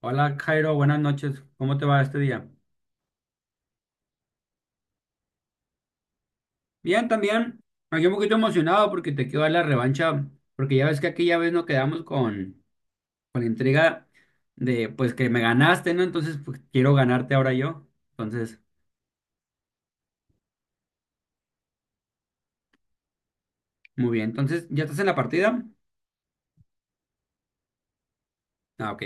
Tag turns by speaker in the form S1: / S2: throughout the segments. S1: Hola Jairo, buenas noches. ¿Cómo te va este día? Bien, también. Aquí un poquito emocionado porque te quiero dar la revancha, porque ya ves que aquella vez nos quedamos con la intriga de pues que me ganaste, ¿no? Entonces pues, quiero ganarte ahora yo. Entonces, muy bien. Entonces, ¿ya estás en la partida? Ah, ok.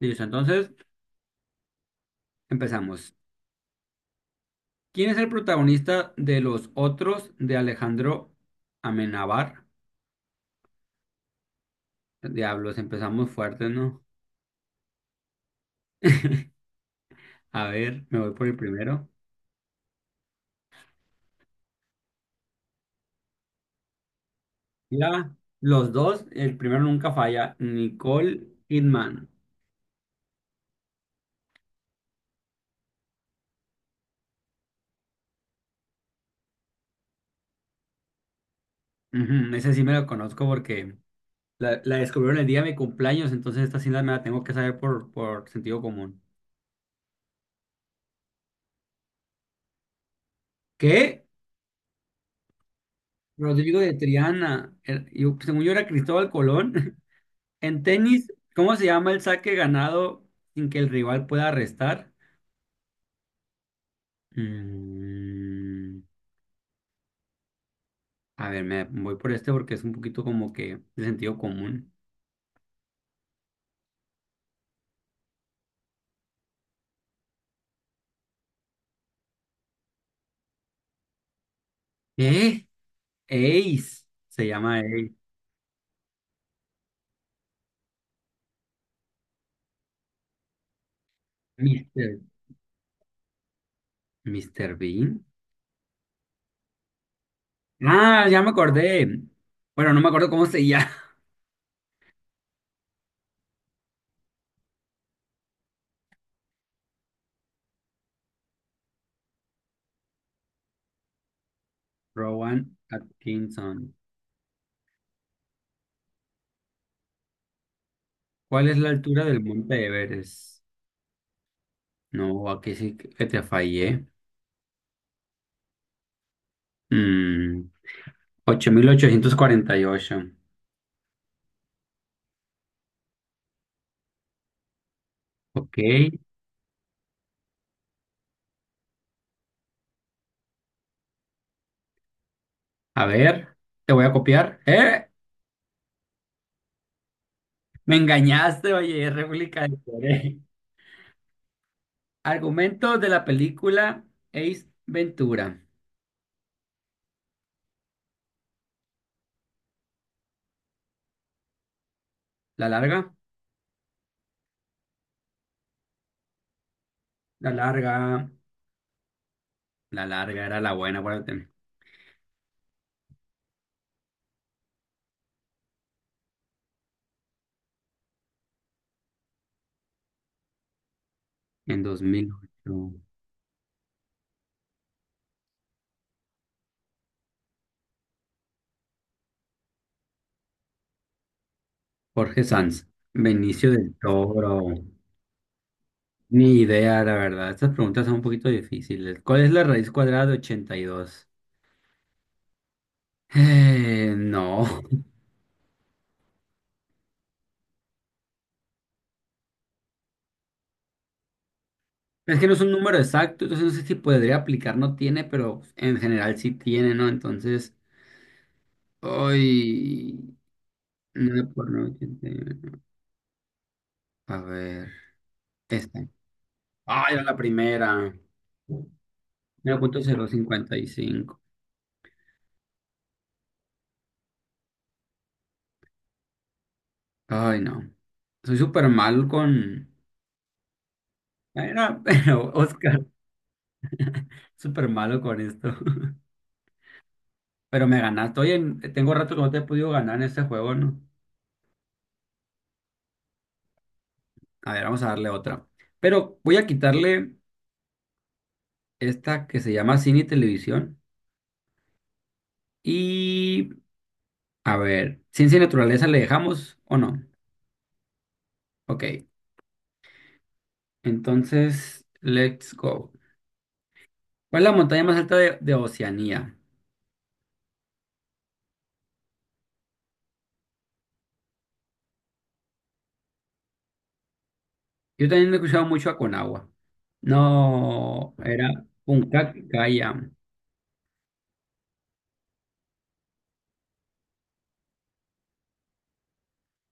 S1: Listo, entonces empezamos. ¿Quién es el protagonista de Los Otros de Alejandro Amenábar? Diablos, empezamos fuerte, ¿no? A ver, me voy por el primero. Ya los dos, el primero nunca falla, Nicole Kidman. Ujú, ese sí me lo conozco porque la descubrieron el día de mi cumpleaños, entonces esta sí me la tengo que saber por sentido común. ¿Qué? Rodrigo de Triana. Según yo era Cristóbal Colón. En tenis, ¿cómo se llama el saque ganado sin que el rival pueda restar? Mm, a ver, me voy por este porque es un poquito como que de sentido común. ¿Qué? Ace. Se llama Ace. Mister, Mr. Bean. Ah, ya me acordé. Bueno, no me acuerdo cómo se llama. Rowan Atkinson. ¿Cuál es la altura del Monte Everest? No, aquí sí que te fallé. Mm, ocho. Mil ochocientos cuarenta y ocho. Ok. A ver, te voy a copiar. ¡Eh! Me engañaste, oye, es réplica de Corea. Argumento de la película Ace Ventura. ¿La larga? La larga. La larga era la buena, acuérdate. En 2008. Jorge Sanz, Benicio del Toro. Ni idea, la verdad. Estas preguntas son un poquito difíciles. ¿Cuál es la raíz cuadrada de 82? No. Es que no es un número exacto, entonces no sé si podría aplicar, no tiene, pero en general sí tiene, ¿no? Hoy... 9 por 9, 81. A ver, esta. ¡Ay, era la primera! Nueve punto cero cincuenta y cinco. Ay, no. Soy súper mal con... era pero Oscar, súper malo con esto. Pero me ganaste. Oye, tengo rato que no te he podido ganar en este juego, ¿no? A ver, vamos a darle otra. Pero voy a quitarle esta que se llama cine y televisión. Y a ver, ciencia y naturaleza le dejamos o no. Ok, entonces, let's go. ¿Cuál es la montaña más alta de Oceanía? Yo también he escuchado mucho a Conagua. No, era Puncac Caya.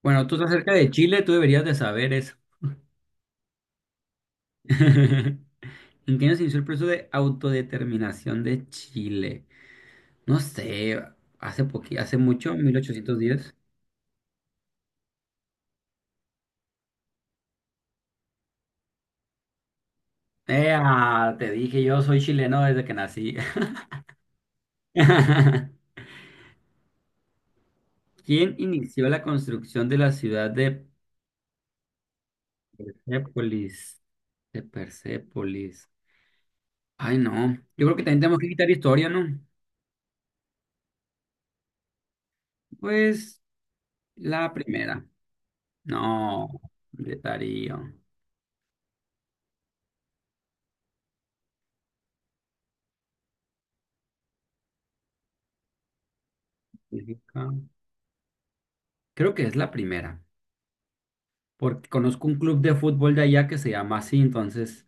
S1: Bueno, tú estás cerca de Chile, tú deberías de saber eso. ¿En qué año se inició el proceso de autodeterminación de Chile? No sé, hace mucho, 1810. ¡Ea! Te dije, yo soy chileno desde que nací. ¿Quién inició la construcción de la ciudad de Persépolis? De Persépolis. Ay, no. Yo creo que también tenemos que quitar historia, ¿no? Pues la primera. No, de Darío. Creo que es la primera, porque conozco un club de fútbol de allá que se llama así, entonces,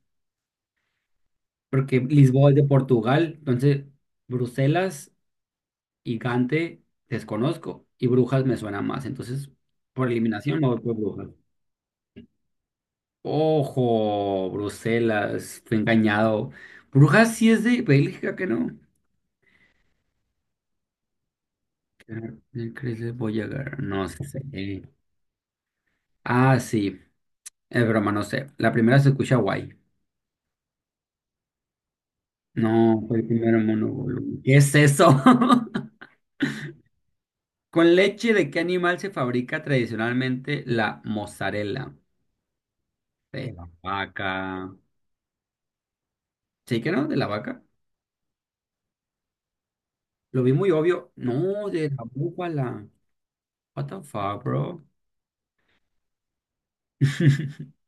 S1: porque Lisboa es de Portugal, entonces Bruselas y Gante desconozco y Brujas me suena más, entonces por eliminación me voy por Brujas. Ojo, Bruselas, fui engañado. Brujas sí es de Bélgica, que no. El Chrysler Voyager, no sé. Ah, sí, es broma, no sé. La primera se escucha guay. No, fue el primero mono. ¿Qué es eso? ¿Con leche de qué animal se fabrica tradicionalmente la mozzarella? De la vaca. ¿Sí que no? ¿De la vaca? Lo vi muy obvio. No, de la búfala. What the fuck, bro?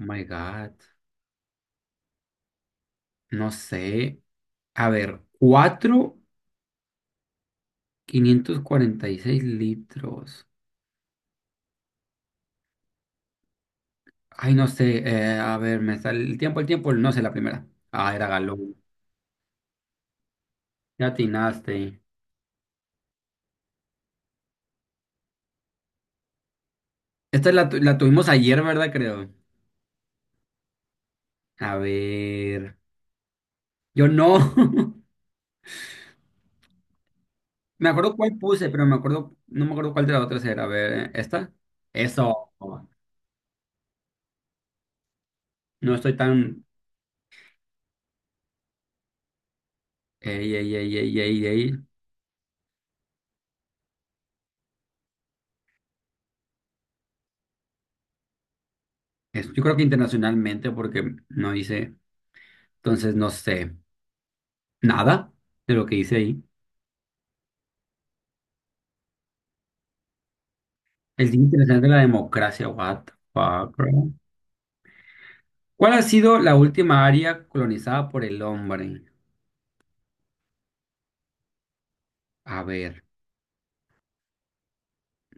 S1: Oh my God. No sé. A ver, 4,546 litros. Ay, no sé. A ver, me sale el tiempo, el tiempo. No sé la primera. Ah, era galón. Ya atinaste. Esta la, la tuvimos ayer, ¿verdad? Creo. A ver. Yo no. Me acuerdo cuál puse, pero no me acuerdo cuál de las otras era. A ver, ¿eh? ¿Esta? Eso. No estoy tan. Ey, ey, ey, ey, ey, ey. Yo creo que internacionalmente, porque no hice. Entonces no sé nada de lo que hice ahí. El Día Internacional de la Democracia, what the fuck, bro. ¿Cuál ha sido la última área colonizada por el hombre? A ver,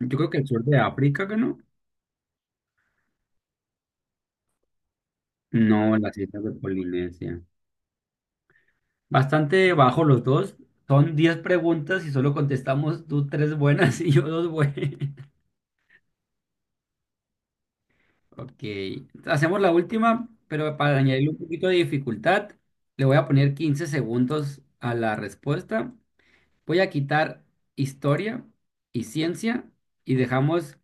S1: yo creo que el sur de África, ¿que no? No, las islas de Polinesia. Bastante bajo los dos. Son 10 preguntas y solo contestamos tú tres buenas y yo dos buenas. Ok. Hacemos la última, pero para añadirle un poquito de dificultad, le voy a poner 15 segundos a la respuesta. Voy a quitar historia y ciencia y dejamos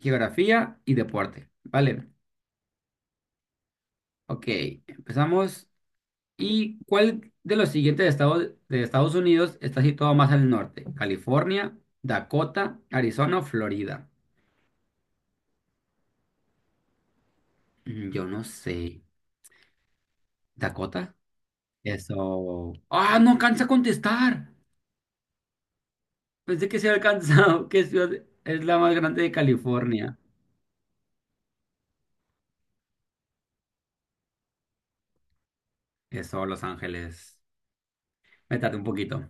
S1: geografía y deporte. Vale. Ok. Empezamos. ¿Y cuál de los siguientes estados de Estados Unidos está situado más al norte? California, Dakota, Arizona o Florida. Yo no sé. ¿Dakota? Eso. ¡Ah, no alcanza a contestar! Pensé que se había alcanzado. ¿Qué ciudad es la más grande de California? Eso, Los Ángeles. Me tardé un poquito.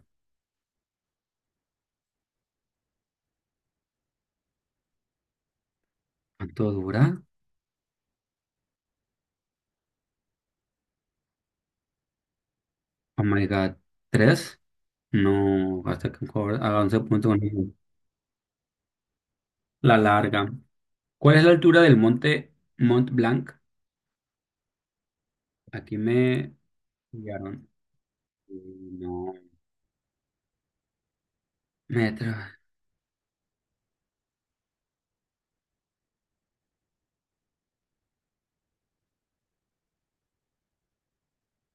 S1: ¿Cuánto dura? Oh my God. ¿Tres? No, hasta que cobra. A 11.1. La larga. ¿Cuál es la altura del monte Mont Blanc? Aquí me enviaron. No, metro.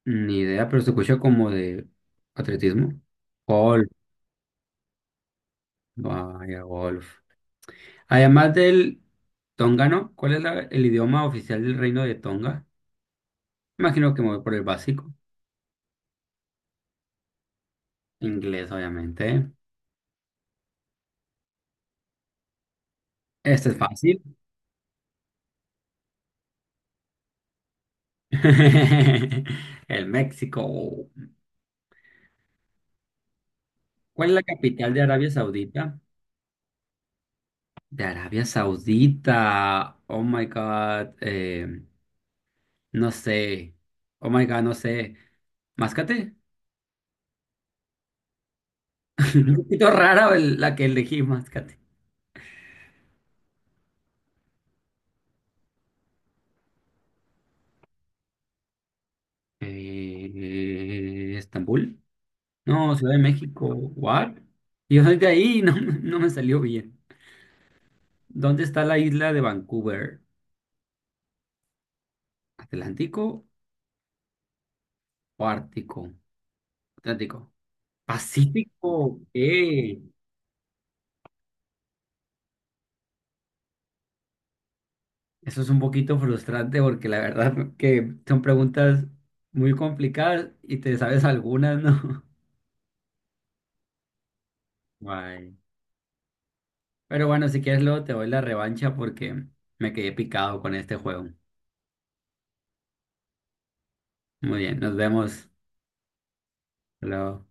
S1: Ni idea, pero se escucha como de atletismo. Golf. Vaya, golf. Además del tongano, ¿cuál es el idioma oficial del reino de Tonga? Imagino que me voy por el básico. Inglés, obviamente. Este es fácil. El México. ¿Cuál es la capital de Arabia Saudita? De Arabia Saudita. Oh my God. No sé. Oh my God, no sé. Máscate. Un poquito rara la que elegí, Máscate. Estambul. No, Ciudad de México. ¿What? Yo soy de ahí y no, no me salió bien. ¿Dónde está la isla de Vancouver? ¿Atlántico o Ártico? Atlántico. Pacífico. ¿Qué? Eso es un poquito frustrante porque la verdad que son preguntas muy complicadas y te sabes algunas, ¿no? Guay. Pero bueno, si quieres luego te doy la revancha porque me quedé picado con este juego. Muy bien, nos vemos. Hasta Luego.